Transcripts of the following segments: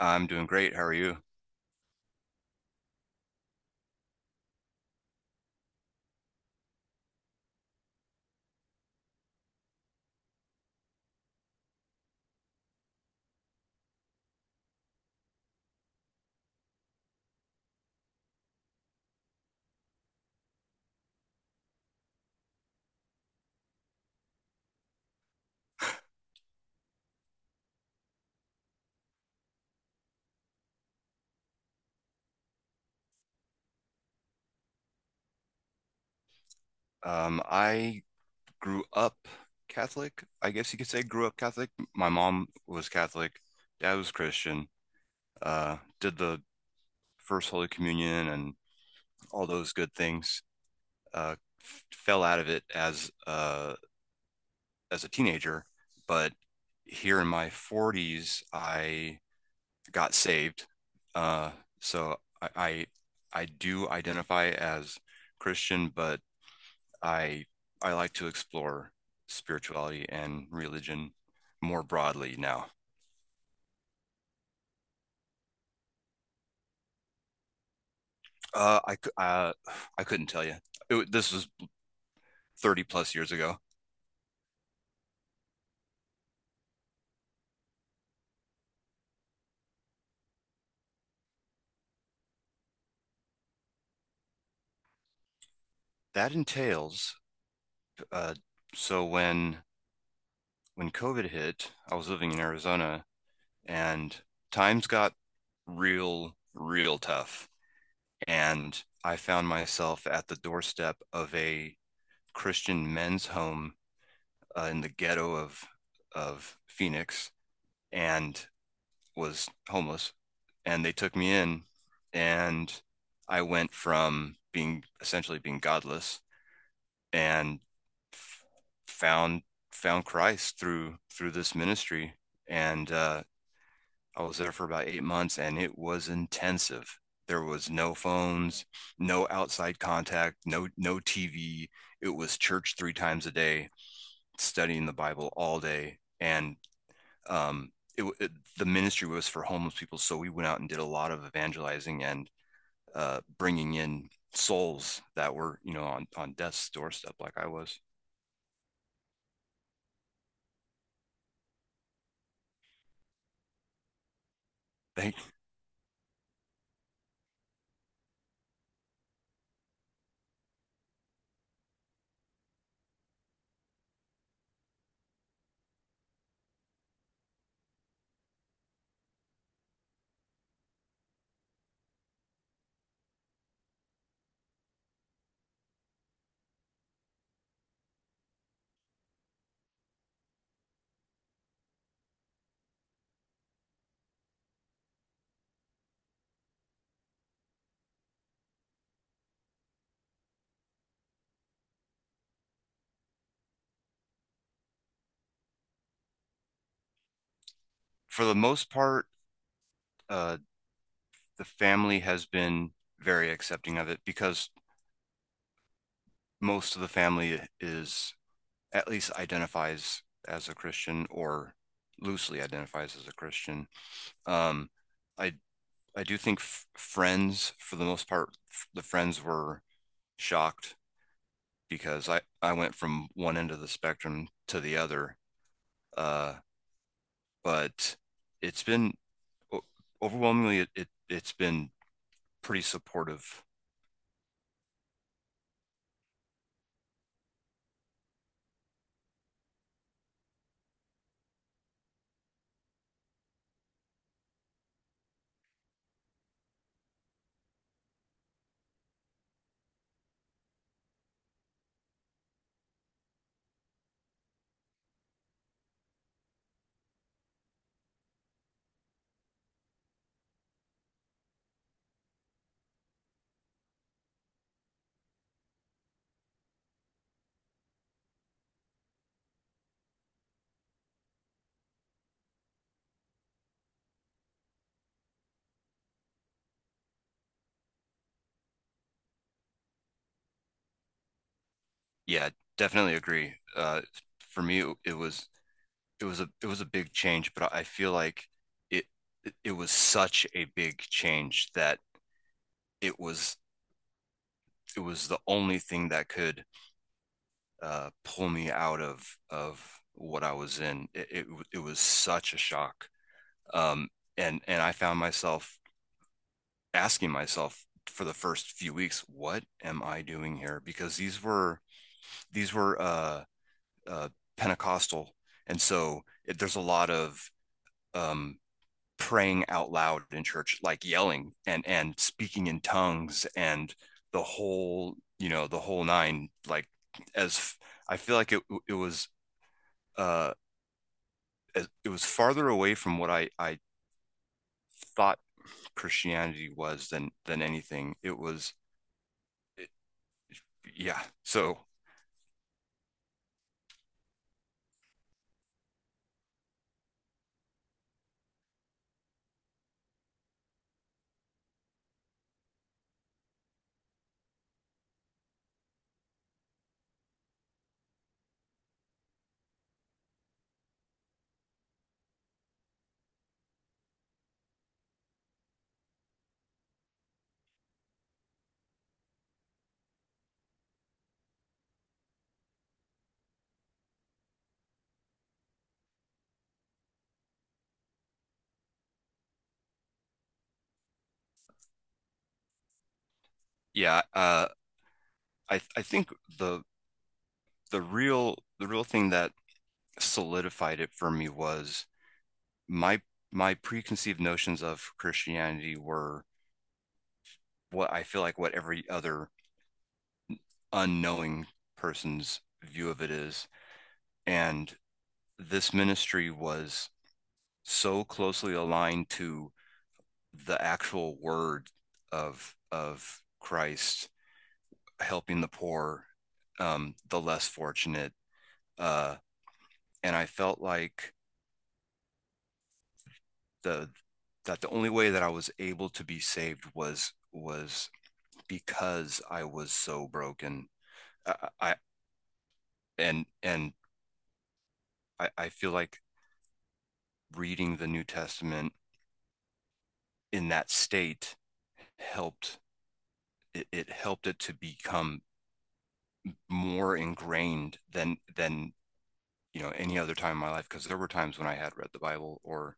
I'm doing great. How are you? I grew up Catholic. I guess you could say grew up Catholic. My mom was Catholic, dad was Christian. Did the first Holy Communion and all those good things. Uh, f Fell out of it as a teenager, but here in my 40s, I got saved. Uh, so I, I, I do identify as Christian, but I I like to explore spirituality and religion more broadly now. Uh, I uh, I couldn't tell you. It, this was 30 plus years ago. That entails uh, so when COVID hit, I was living in Arizona and times got real tough and I found myself at the doorstep of a Christian men's home in the ghetto of Phoenix and was homeless and they took me in, and I went from being essentially being godless and f- found found Christ through this ministry. And I was there for about 8 months, and it was intensive. There was no phones, no outside contact, no TV. It was church three times a day, studying the Bible all day, and um, it, it, the ministry was for homeless people. So we went out and did a lot of evangelizing and bringing in souls that were, you know, on, death's doorstep, like I was. They, for the most part, uh, the family has been very accepting of it because most of the family is, at least, identifies as a Christian or loosely identifies as a Christian. Um, I I do think friends, for the most part, the friends were shocked because I went from one end of the spectrum to the other. Uh, but it's been overwhelmingly, it's been pretty supportive. Yeah, definitely agree. For me, it was, It was it was a big change, but I feel like it, it was such a big change that it was, it was the only thing that could pull me out of what I was in. It was such a shock. Um, and and I found myself asking myself, for the first few weeks, what am I doing here? Because these were uh, Pentecostal, and so it, there's a lot of um, praying out loud in church, like yelling and speaking in tongues and the whole you know the whole nine. Like as I feel like uh, it was farther away from what I thought Christianity was, than anything. It was, yeah. So yeah, I think the the real thing that solidified it for me was my my preconceived notions of Christianity were what I feel like what every other unknowing person's view of it is, and this ministry was so closely aligned to the actual word of Christ helping the poor, the less fortunate, uh, and I felt like the that the only way that I was able to be saved was because I was so broken. I and I feel like reading the New Testament in that state helped, it helped it to become more ingrained than, you know, any other time in my life, because there were times when I had read the Bible or,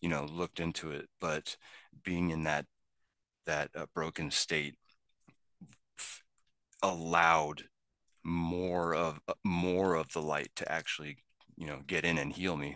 you know, looked into it, but being in that broken state f- allowed more of the light to actually, you know, get in and heal me.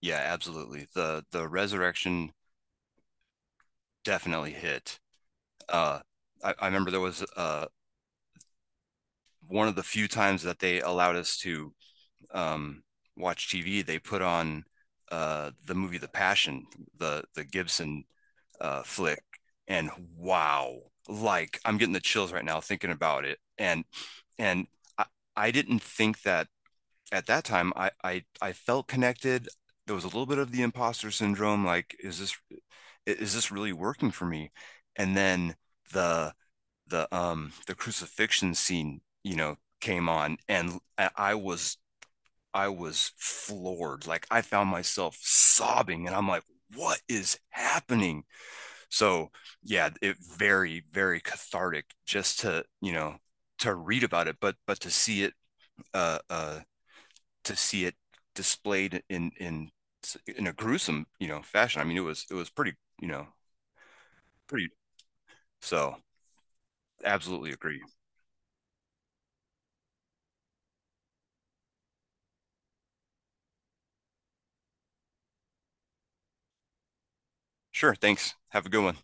Yeah, absolutely, the resurrection definitely hit. uh I remember there was one of the few times that they allowed us to um watch TV. They put on the movie, The Passion, the Gibson flick, and wow, like I'm getting the chills right now thinking about it. And and i, I didn't think that at that time. I felt connected. There was a little bit of the imposter syndrome, like, is this, is this really working for me? And then the the crucifixion scene, you know, came on and I was, I was floored. Like I found myself sobbing and I'm like, what is happening? So yeah, it, very very cathartic just to, you know, to read about it, but to see it, uh uh to see it displayed in a gruesome, you know, fashion. I mean, it was, it was pretty, you know, pretty. So absolutely agree. Sure. Thanks. Have a good one.